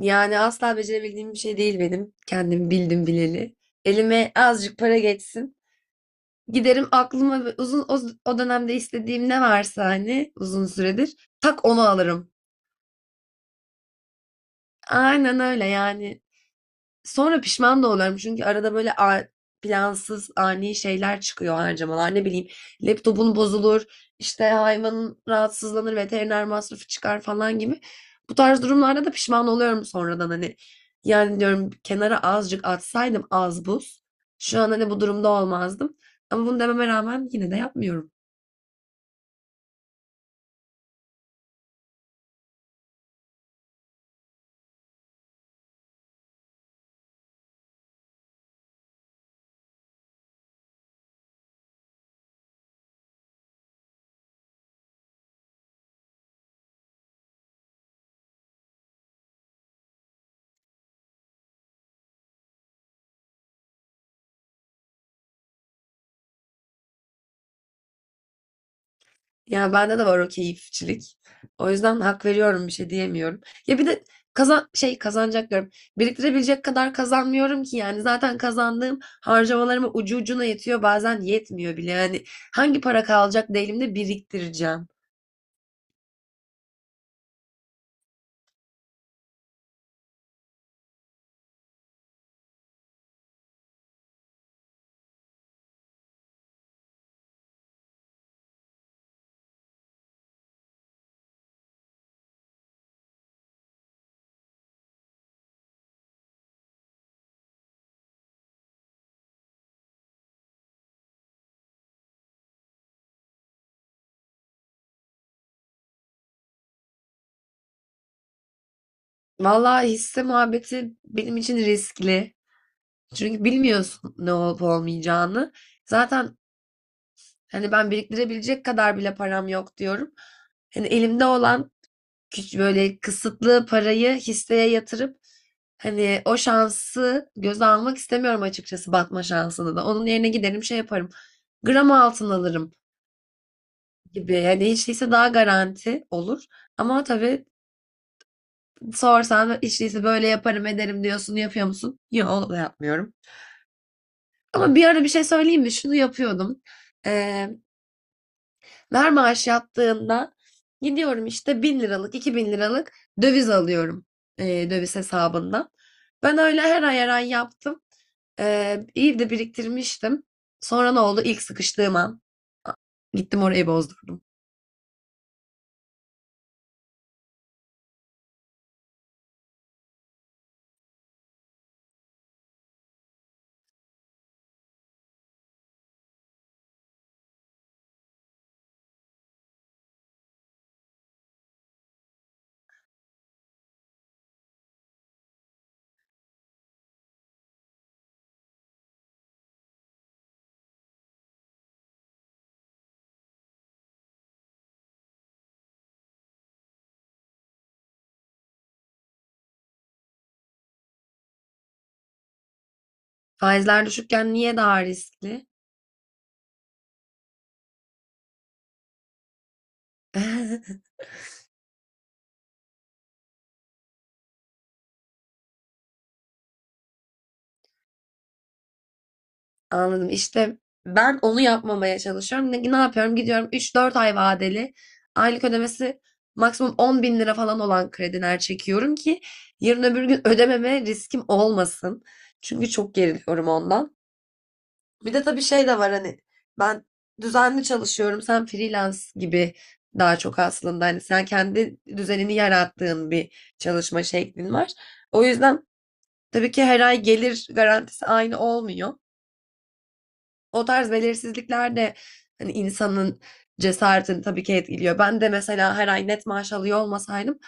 Yani asla becerebildiğim bir şey değil benim. Kendim bildim bileli. Elime azıcık para geçsin. Giderim aklıma ve uzun o dönemde istediğim ne varsa hani uzun süredir tak onu alırım. Aynen öyle yani. Sonra pişman da oluyorum çünkü arada böyle plansız, ani şeyler çıkıyor harcamalar. Ne bileyim, laptopun bozulur, işte hayvanın rahatsızlanır, veteriner masrafı çıkar falan gibi. Bu tarz durumlarda da pişman oluyorum sonradan hani. Yani diyorum kenara azıcık atsaydım az buz. Şu an hani bu durumda olmazdım. Ama bunu dememe rağmen yine de yapmıyorum. Yani bende de var o keyifçilik. O yüzden hak veriyorum bir şey diyemiyorum. Ya bir de kazanacak diyorum. Biriktirebilecek kadar kazanmıyorum ki yani zaten kazandığım harcamalarıma ucu ucuna yetiyor bazen yetmiyor bile. Yani hangi para kalacak da elimde biriktireceğim. Vallahi hisse muhabbeti benim için riskli. Çünkü bilmiyorsun ne olup olmayacağını. Zaten hani ben biriktirebilecek kadar bile param yok diyorum. Hani elimde olan böyle kısıtlı parayı hisseye yatırıp hani o şansı göze almak istemiyorum, açıkçası batma şansını da. Onun yerine giderim şey yaparım. Gram altın alırım gibi. Hani hiç değilse daha garanti olur. Ama tabii sorsan hiç değilse böyle yaparım ederim diyorsun, yapıyor musun? Yok, onu da yapmıyorum. Ama bir ara bir şey söyleyeyim mi? Şunu yapıyordum. Ee, Ver maaş yattığında gidiyorum işte 1000 liralık 2000 liralık döviz alıyorum döviz hesabından. Ben öyle her ay her ay yaptım. İyi de biriktirmiştim. Sonra ne oldu? İlk sıkıştığım an gittim orayı bozdurdum. Faizler düşükken niye daha riskli? Anladım. İşte ben onu yapmamaya çalışıyorum. Ne, ne yapıyorum? Gidiyorum üç dört ay vadeli. Aylık ödemesi maksimum 10 bin lira falan olan krediler çekiyorum ki yarın öbür gün ödememe riskim olmasın. Çünkü çok geriliyorum ondan. Bir de tabii şey de var hani ben düzenli çalışıyorum. Sen freelance gibi daha çok aslında hani sen kendi düzenini yarattığın bir çalışma şeklin var. O yüzden tabii ki her ay gelir garantisi aynı olmuyor. O tarz belirsizlikler de hani insanın cesaretini tabii ki etkiliyor. Ben de mesela her ay net maaş alıyor olmasaydım,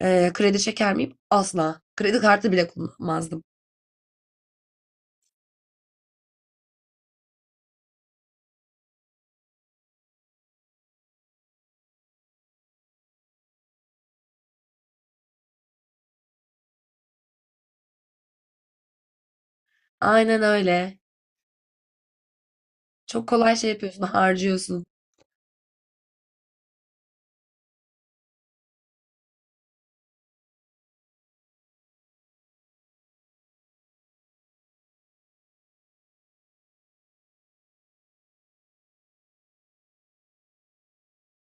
kredi çeker miyim? Asla. Kredi kartı bile kullanmazdım. Aynen öyle. Çok kolay şey yapıyorsun, harcıyorsun.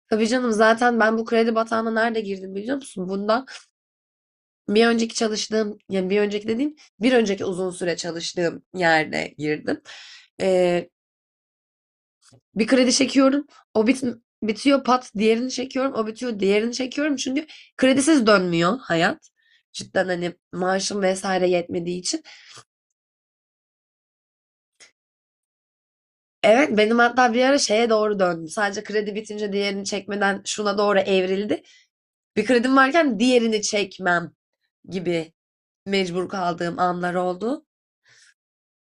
Tabii canım, zaten ben bu kredi batağına nerede girdim biliyor musun? Bundan bir önceki çalıştığım, yani bir önceki dediğim bir önceki uzun süre çalıştığım yerde girdim. Bir kredi çekiyorum. O bit bitiyor pat diğerini çekiyorum. O bitiyor diğerini çekiyorum. Çünkü kredisiz dönmüyor hayat. Cidden hani maaşım vesaire yetmediği için. Evet, benim hatta bir ara şeye doğru döndüm. Sadece kredi bitince diğerini çekmeden şuna doğru evrildi. Bir kredim varken diğerini çekmem gibi mecbur kaldığım anlar oldu.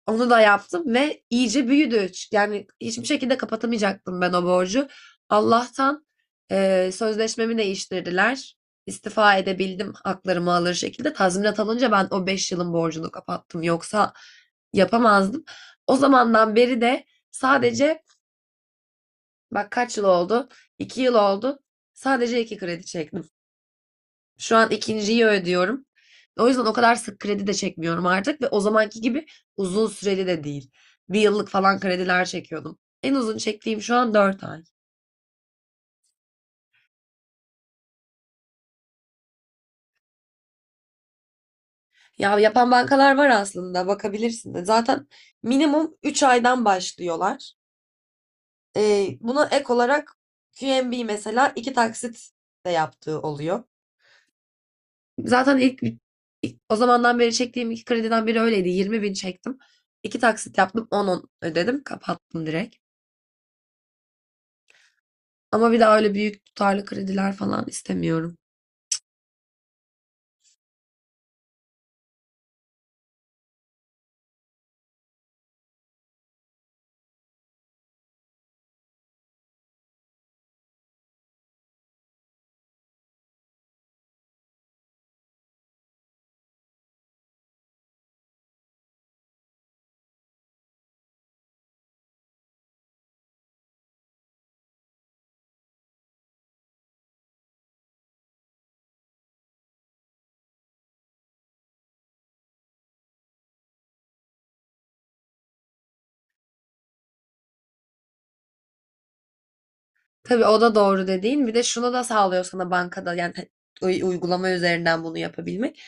Onu da yaptım ve iyice büyüdü. Yani hiçbir şekilde kapatamayacaktım ben o borcu. Allah'tan sözleşmemi değiştirdiler. İstifa edebildim haklarımı alır şekilde. Tazminat alınca ben o 5 yılın borcunu kapattım. Yoksa yapamazdım. O zamandan beri de sadece bak kaç yıl oldu? 2 yıl oldu. Sadece 2 kredi çektim. Şu an ikinciyi ödüyorum. O yüzden o kadar sık kredi de çekmiyorum artık ve o zamanki gibi uzun süreli de değil. Bir yıllık falan krediler çekiyordum. En uzun çektiğim şu an dört ay. Ya yapan bankalar var, aslında bakabilirsin de. Zaten minimum 3 aydan başlıyorlar. Buna ek olarak QNB mesela iki taksit de yaptığı oluyor. Zaten ilk o zamandan beri çektiğim iki krediden biri öyleydi. 20 bin çektim. İki taksit yaptım, on on ödedim kapattım direkt. Ama bir daha öyle büyük tutarlı krediler falan istemiyorum. Tabii o da doğru dediğin. Bir de şunu da sağlıyor sana bankada yani uygulama üzerinden bunu yapabilmek.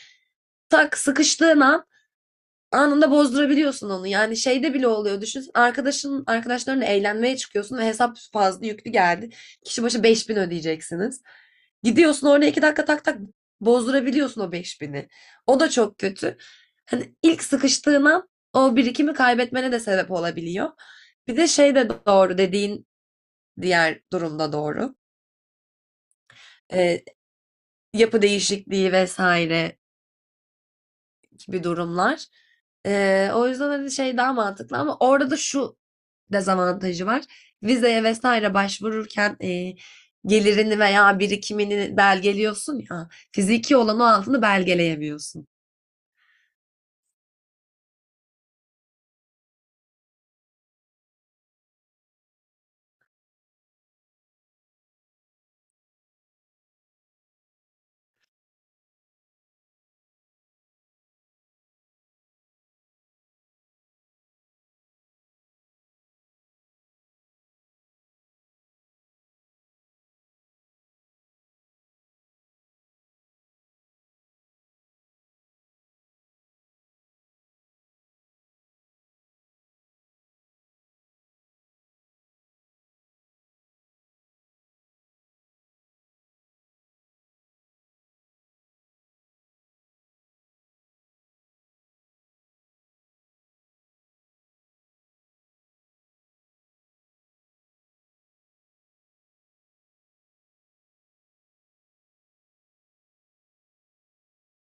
Tak sıkıştığın an anında bozdurabiliyorsun onu. Yani şeyde bile oluyor. Düşün, arkadaşlarınla eğlenmeye çıkıyorsun ve hesap fazla yüklü geldi. Kişi başı 5000 ödeyeceksiniz. Gidiyorsun orada iki dakika tak tak bozdurabiliyorsun o beş bini. O da çok kötü. Hani ilk sıkıştığın an o birikimi kaybetmene de sebep olabiliyor. Bir de şey de doğru dediğin, diğer durumda doğru. Ee, Yapı değişikliği vesaire gibi durumlar. O yüzden hani şey daha mantıklı ama orada da şu dezavantajı var. Vizeye vesaire başvururken gelirini veya birikimini belgeliyorsun ya. Fiziki olan o altını belgeleyemiyorsun.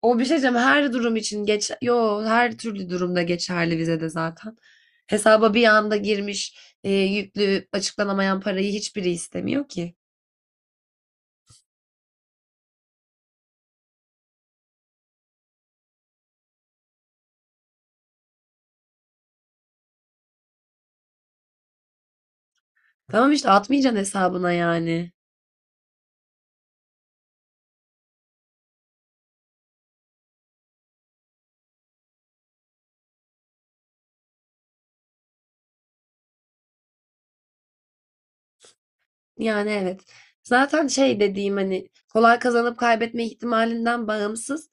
O bir şey diyeceğim her durum için geç, yo her türlü durumda geçerli vizede zaten. Hesaba bir anda girmiş yüklü açıklanamayan parayı hiçbiri istemiyor ki. Tamam işte atmayacaksın hesabına yani. Yani evet. Zaten şey dediğim hani kolay kazanıp kaybetme ihtimalinden bağımsız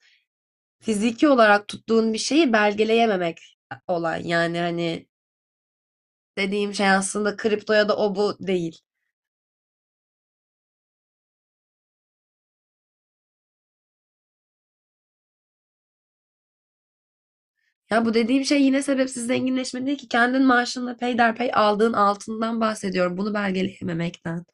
fiziki olarak tuttuğun bir şeyi belgeleyememek olay. Yani hani dediğim şey aslında kripto ya da o bu değil. Ya bu dediğim şey yine sebepsiz zenginleşme değil ki, kendin maaşınla peyderpey aldığın altından bahsediyorum. Bunu belgeleyememekten.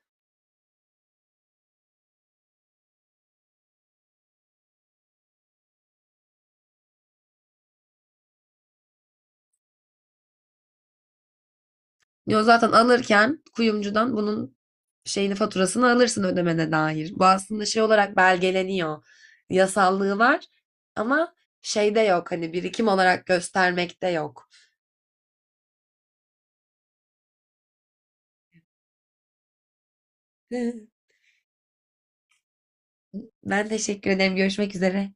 Yo zaten alırken kuyumcudan bunun şeyini faturasını alırsın ödemene dair. Bu aslında şey olarak belgeleniyor. Yasallığı var ama şeyde yok, hani birikim olarak göstermekte yok. Ben teşekkür ederim. Görüşmek üzere.